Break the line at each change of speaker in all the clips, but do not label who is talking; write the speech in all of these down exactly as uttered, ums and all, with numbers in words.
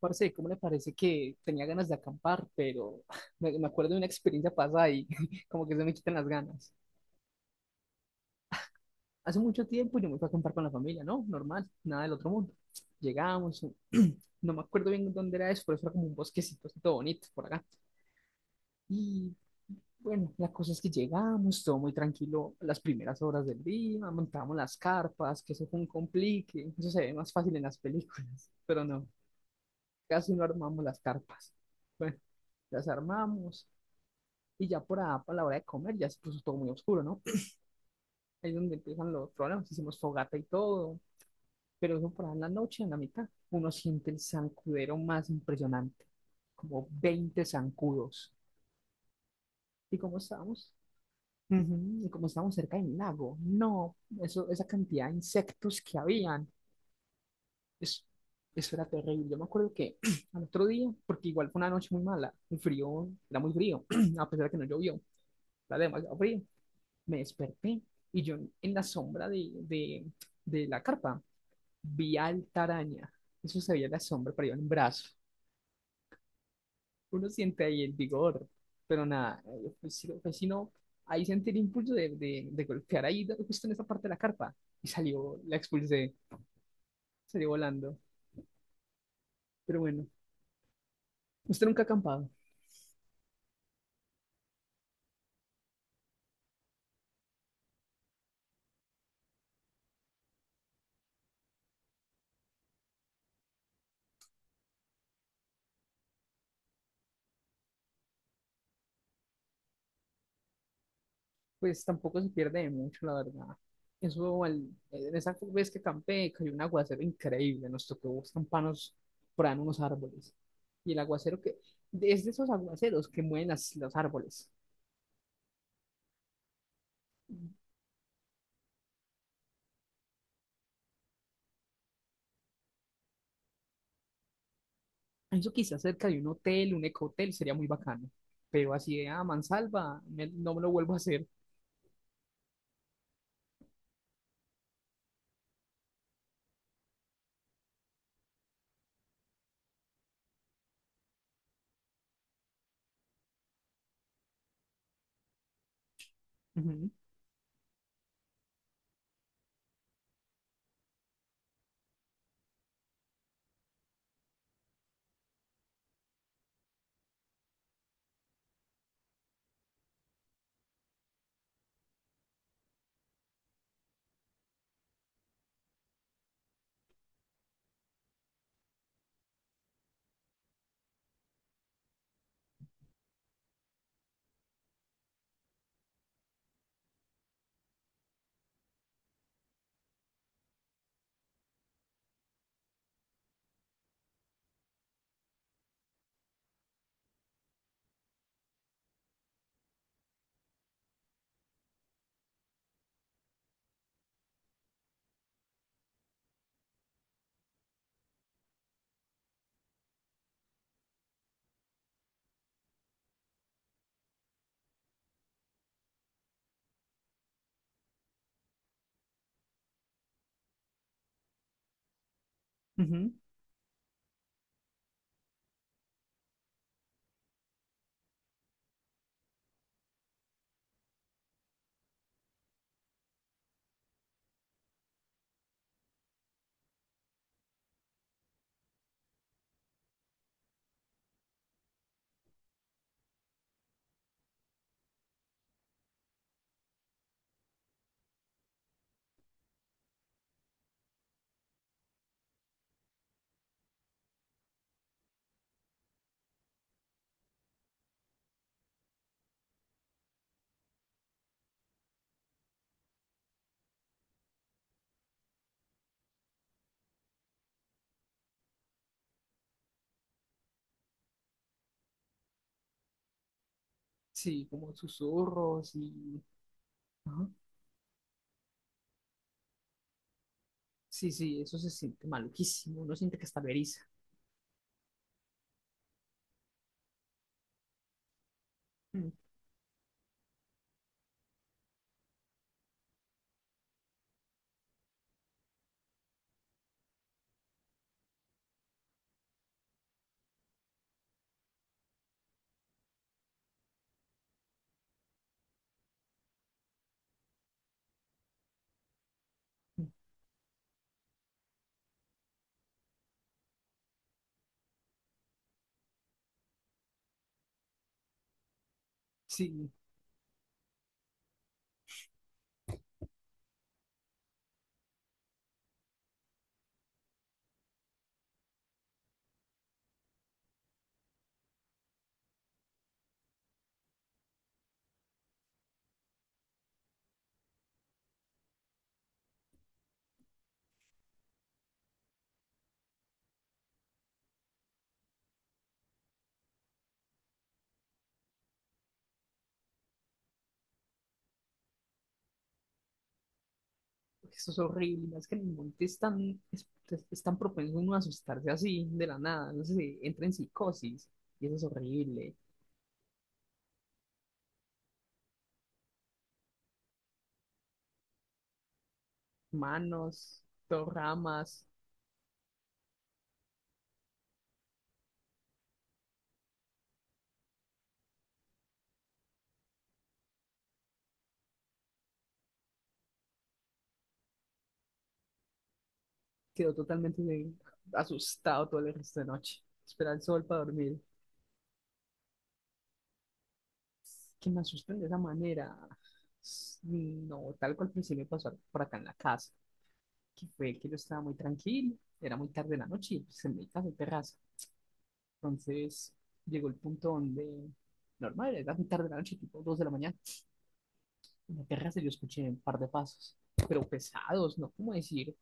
Parce, ¿cómo le parece que tenía ganas de acampar, pero me, me acuerdo de una experiencia pasada y como que se me quitan las ganas? Hace mucho tiempo yo me fui a acampar con la familia, ¿no? Normal, nada del otro mundo. Llegamos, no me acuerdo bien dónde era eso, pero eso era como un bosquecito así todo bonito por acá. Y bueno, la cosa es que llegamos, todo muy tranquilo las primeras horas del día, montamos las carpas, que eso fue un complique, eso se ve más fácil en las películas, pero no, casi no armamos las carpas. Bueno, las armamos. Y ya por a, para la hora de comer ya se puso todo muy oscuro, ¿no? Ahí es donde empiezan los problemas, hicimos fogata y todo, pero eso por ahí en la noche, en la mitad, uno siente el zancudero más impresionante, como veinte zancudos. ¿Y cómo estábamos? Ujú. Y como estábamos cerca del lago, no, eso, esa cantidad de insectos que habían, eso, eso era terrible. Yo me acuerdo que al otro día, porque igual fue una noche muy mala, un frío, era muy frío, a pesar de que no llovió, era demasiado frío. Me desperté y yo en la sombra de, de, de la carpa vi al taraña. Eso se veía en la sombra, pero iba en un brazo. Uno siente ahí el vigor, pero nada, eh, pues, si- no, pues, si no, ahí sentí el impulso de, de, de golpear ahí de- justo en esa parte de la carpa y salió, la expulsé, salió volando. Pero bueno, usted nunca ha acampado. Pues tampoco se pierde de mucho, la verdad. Eso, al- en esa vez que campé, cayó un aguacero increíble, nos tocó campanos por ahí en unos árboles. Y el aguacero que, es de esos aguaceros que mueven las, los árboles. Eso quizás cerca de un hotel, un ecohotel, sería muy bacano. Pero así de a mansalva, me- no me lo vuelvo a hacer. Ujú, ujú. Sí, como susurros y... Ajá. Sí, sí, eso se siente maluquísimo. Uno siente que está veriza. Sí, porque eso es horrible, es que en el monte es tan, es, es tan propenso uno a asustarse así de la nada, no sé, si entra en psicosis y eso es horrible. Manos, dos ramas, quedó totalmente de- asustado todo el resto de noche. Espera el sol para dormir. Que me asusten de esa manera. S- No, tal cual pues sí me pasó por acá en la casa, que fue que yo estaba muy tranquilo, era muy tarde en la noche y pues en mi casa hay terraza. Entonces llegó el punto donde, normal, era muy tarde de la noche, tipo dos de la mañana, en la terraza yo escuché un par de pasos, pero pesados, ¿no? ¿Cómo decir?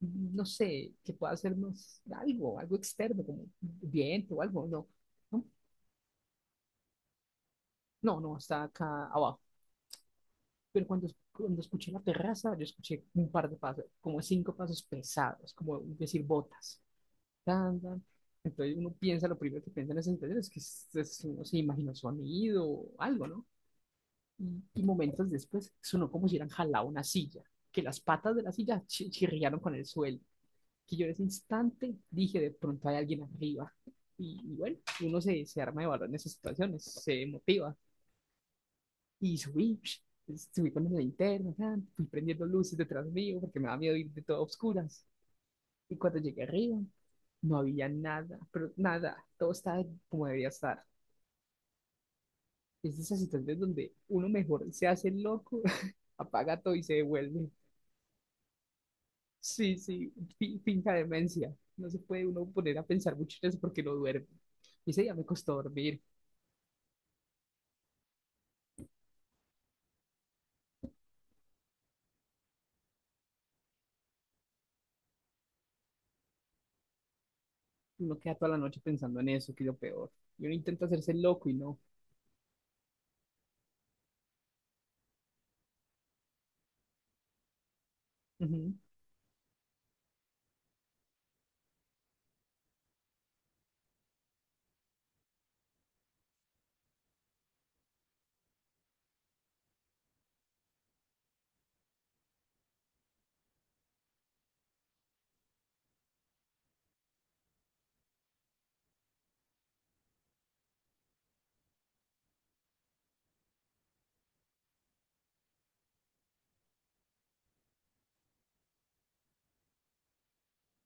No sé, que pueda hacernos algo, algo externo, como viento o algo, no, no, no, no, está acá abajo. Pero cuando, cuando escuché la terraza, yo escuché un par de pasos, como cinco pasos pesados, como decir botas. Tan, tan. Entonces uno piensa, lo primero que piensa en esa situación es que es- es- uno se imaginó sonido o algo, ¿no? Y, y momentos después sonó como si hubieran jalado una silla, que las patas de la silla chi- chirriaron con el suelo. Que yo en ese instante dije, de pronto hay alguien arriba. Y, y bueno, uno se, se arma de valor en esas situaciones, se motiva. Y subí, subí con la linterna, fui prendiendo luces detrás mío porque me da miedo ir de todo a oscuras. Y cuando llegué arriba, no había nada, pero nada, todo estaba como debía estar. Es de esas situaciones donde uno mejor se hace el loco, apaga todo y se devuelve. Sí, sí, fi- finca demencia. No se puede uno poner a pensar mucho en eso porque no duerme. Y ese día me costó dormir. Uno queda toda la noche pensando en eso, que es lo peor. Y uno intenta hacerse el loco y no. Ujú,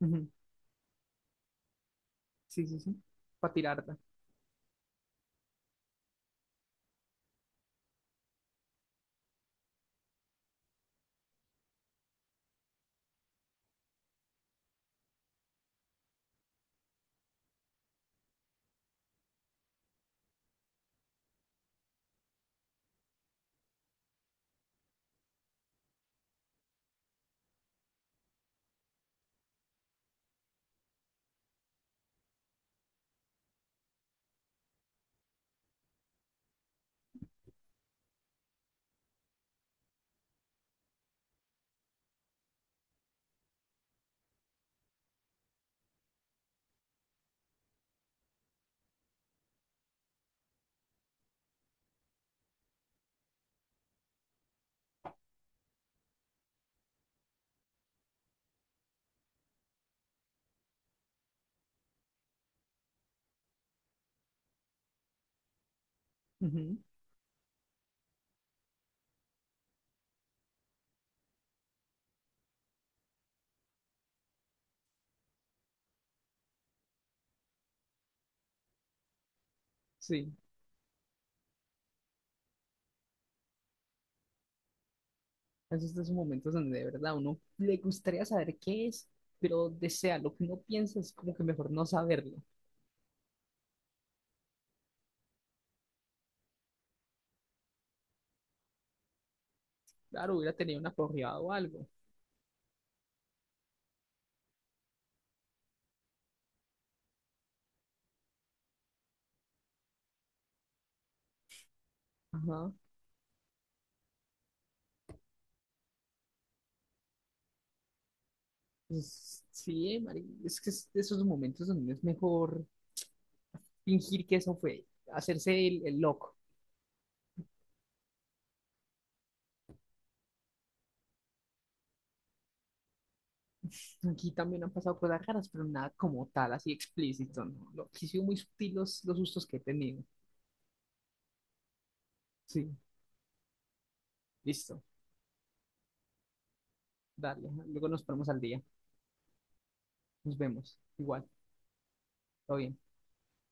ujú. Sí, sí, sí. Para tirarla. Ujú. Sí. Esos son esos momentos donde de verdad uno le gustaría saber qué es, pero desea lo que uno piensa es como que mejor no saberlo. Claro, hubiera tenido una corrida o algo. Ajá. Pues, sí, Mari, es que es de esos momentos donde es mejor fingir que eso fue, hacerse el, el loco. Aquí también han pasado cosas raras, pero nada como tal, así explícito, ¿no? Lo, sí, sido muy sutil los, los sustos que he tenido. Sí, listo, dale. Luego nos ponemos al día. Nos vemos. Igual, todo bien.